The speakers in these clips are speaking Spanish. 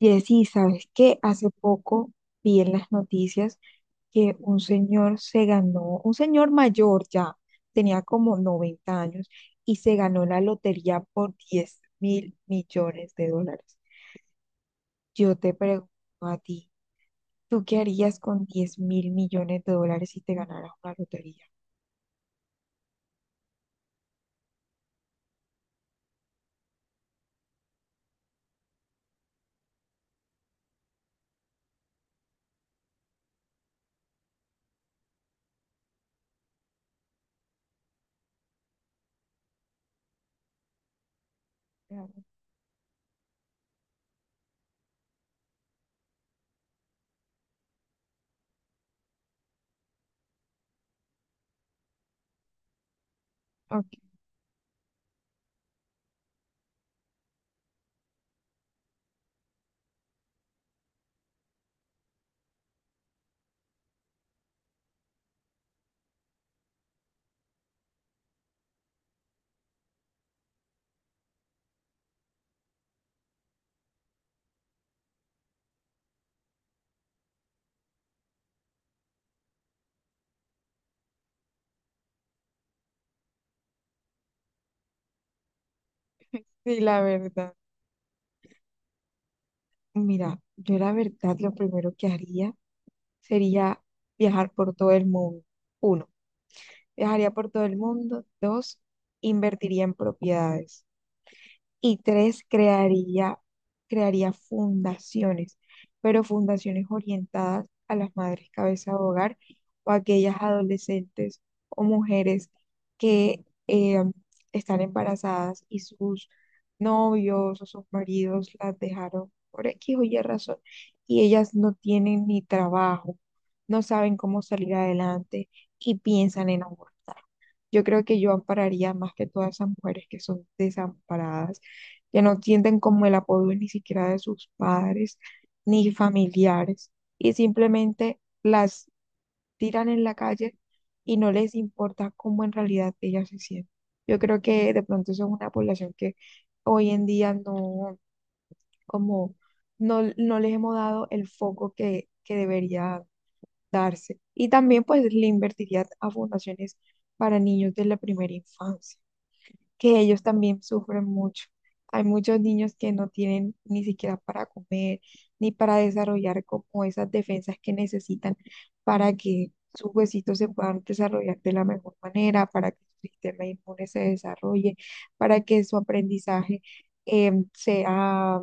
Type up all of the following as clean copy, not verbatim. Jessy, ¿sabes qué? Hace poco vi en las noticias que un señor se ganó, un señor mayor ya, tenía como 90 años y se ganó la lotería por 10 mil millones de dólares. Yo te pregunto a ti, ¿tú qué harías con 10 mil millones de dólares si te ganaras una lotería? Claro. Ok. Sí, la verdad. Mira, yo la verdad lo primero que haría sería viajar por todo el mundo. Uno. Viajaría por todo el mundo. Dos, invertiría en propiedades. Y tres, crearía fundaciones, pero fundaciones orientadas a las madres cabeza de hogar o a aquellas adolescentes o mujeres que están embarazadas y sus novios o sus maridos las dejaron por X o Y razón y ellas no tienen ni trabajo, no saben cómo salir adelante y piensan en abortar. Yo creo que yo ampararía más que todas esas mujeres que son desamparadas, que no sienten como el apoyo ni siquiera de sus padres ni familiares y simplemente las tiran en la calle y no les importa cómo en realidad ellas se sienten. Yo creo que de pronto son una población que hoy en día no, como, no les hemos dado el foco que debería darse. Y también pues le invertiría a fundaciones para niños de la primera infancia que ellos también sufren mucho. Hay muchos niños que no tienen ni siquiera para comer, ni para desarrollar como esas defensas que necesitan para que sus huesitos se puedan desarrollar de la mejor manera, para que su sistema inmune se desarrolle, para que su aprendizaje sea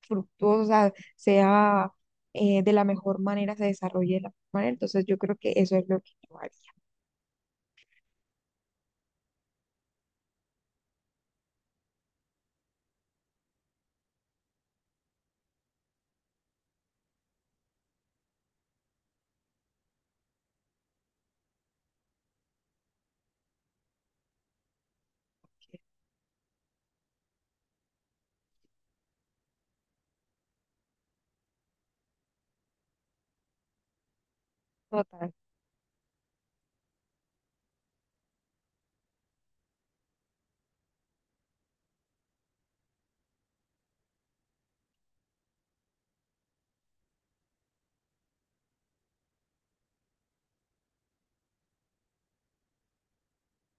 fructuosa, sea de la mejor manera, se desarrolle de la mejor manera. Entonces yo creo que eso es lo que yo haría. Total,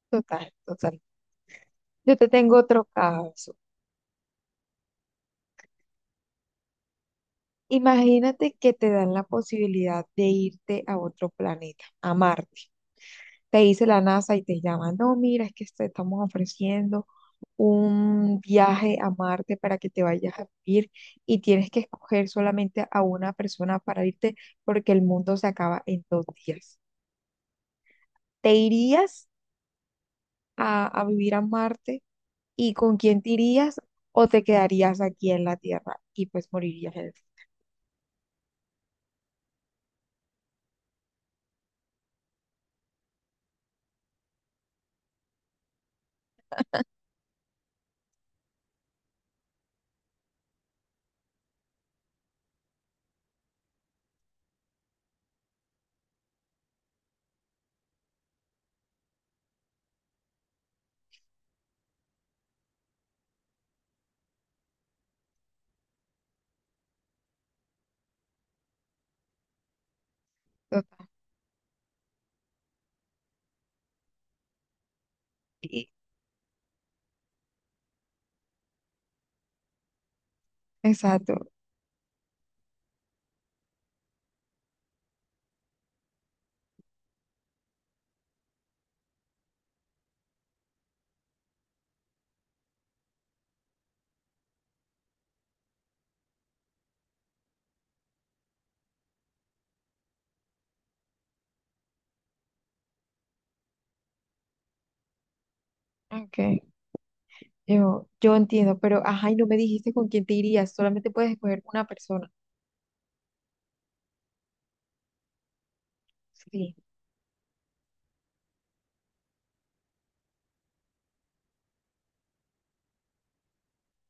total, total. Yo te tengo otro caso. Imagínate que te dan la posibilidad de irte a otro planeta, a Marte. Te dice la NASA y te llama, no, mira, es que te estamos ofreciendo un viaje a Marte para que te vayas a vivir y tienes que escoger solamente a una persona para irte porque el mundo se acaba en 2 días. ¿Te irías a vivir a Marte y con quién te irías o te quedarías aquí en la Tierra y pues morirías en el... Exacto. Ok. Yo entiendo, pero ajá, y no me dijiste con quién te irías, solamente puedes escoger una persona. Sí,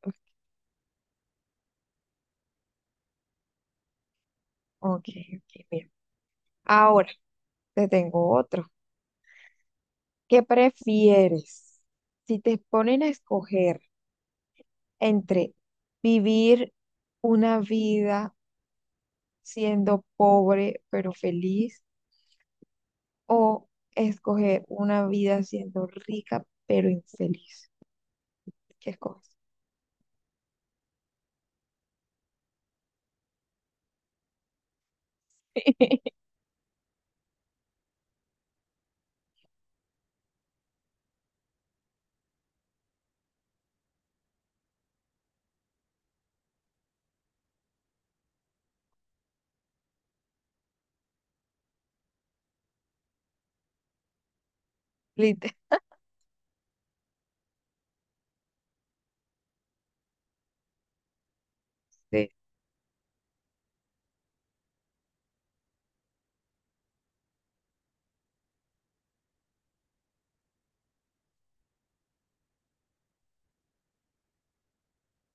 ok, ok, ok, mira. Ahora te tengo otro. ¿Qué prefieres? Si te ponen a escoger entre vivir una vida siendo pobre pero feliz o escoger una vida siendo rica pero infeliz, ¿qué escoges? Literal, sí,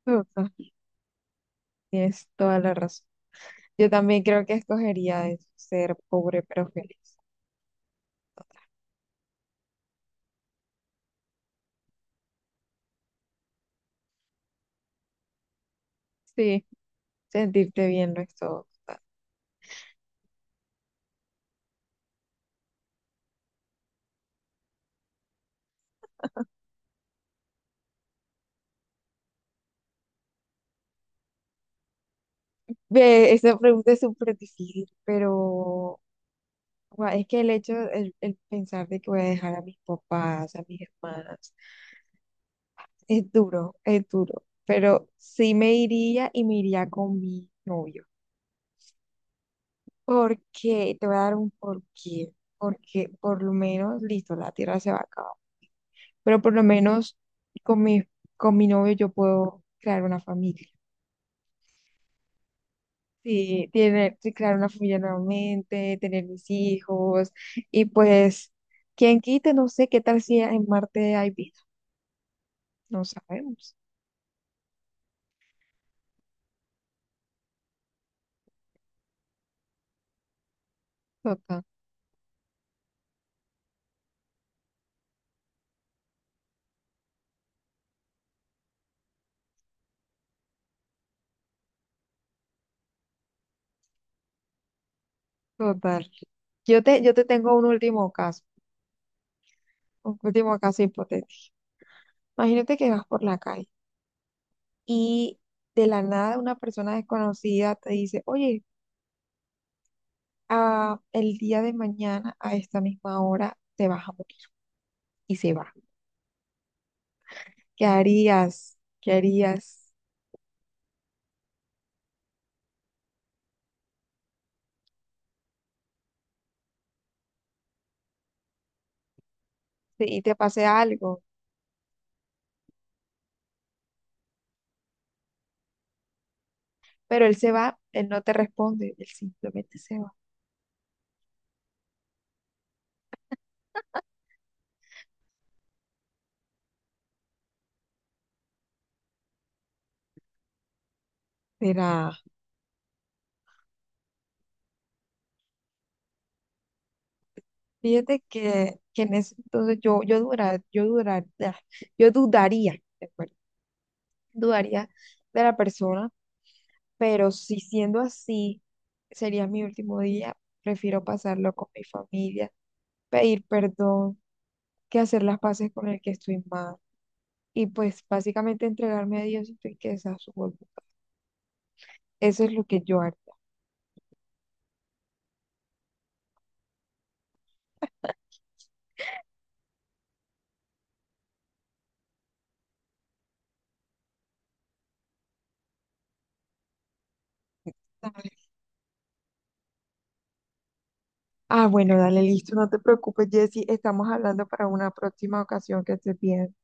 total, tienes toda la razón. Yo también creo que escogería eso, ser pobre pero feliz. Sí, sentirte bien no es todo. Ve, esa pregunta es súper difícil, pero es que el pensar de que voy a dejar a mis papás, a mis hermanas, es duro, es duro. Pero sí me iría y me iría con mi novio. Porque te voy a dar un porqué. Porque por lo menos, listo, la Tierra se va a acabar. Pero por lo menos con mi, con mi novio yo puedo crear una familia. Sí, tiene, sí, crear una familia nuevamente, tener mis hijos y pues, quien quite, no sé qué tal si en Marte hay vida, no sabemos. Total, total. Yo te tengo un último caso hipotético. Imagínate que vas por la calle y de la nada una persona desconocida te dice, oye, el día de mañana a esta misma hora te vas a morir y se va. ¿Qué harías? ¿Qué harías? Si te pase algo. Pero él se va, él no te responde, él simplemente se va. Mira, fíjate que en ese entonces yo dudaría, ¿de acuerdo? Dudaría de la persona, pero si siendo así, sería mi último día, prefiero pasarlo con mi familia, pedir perdón, que hacer las paces con el que estoy mal. Y pues básicamente entregarme a Dios y que esa su voluntad. Eso es lo que yo haría. Ah, bueno, dale, listo, no te preocupes, Jessy, estamos hablando para una próxima ocasión que estés bien.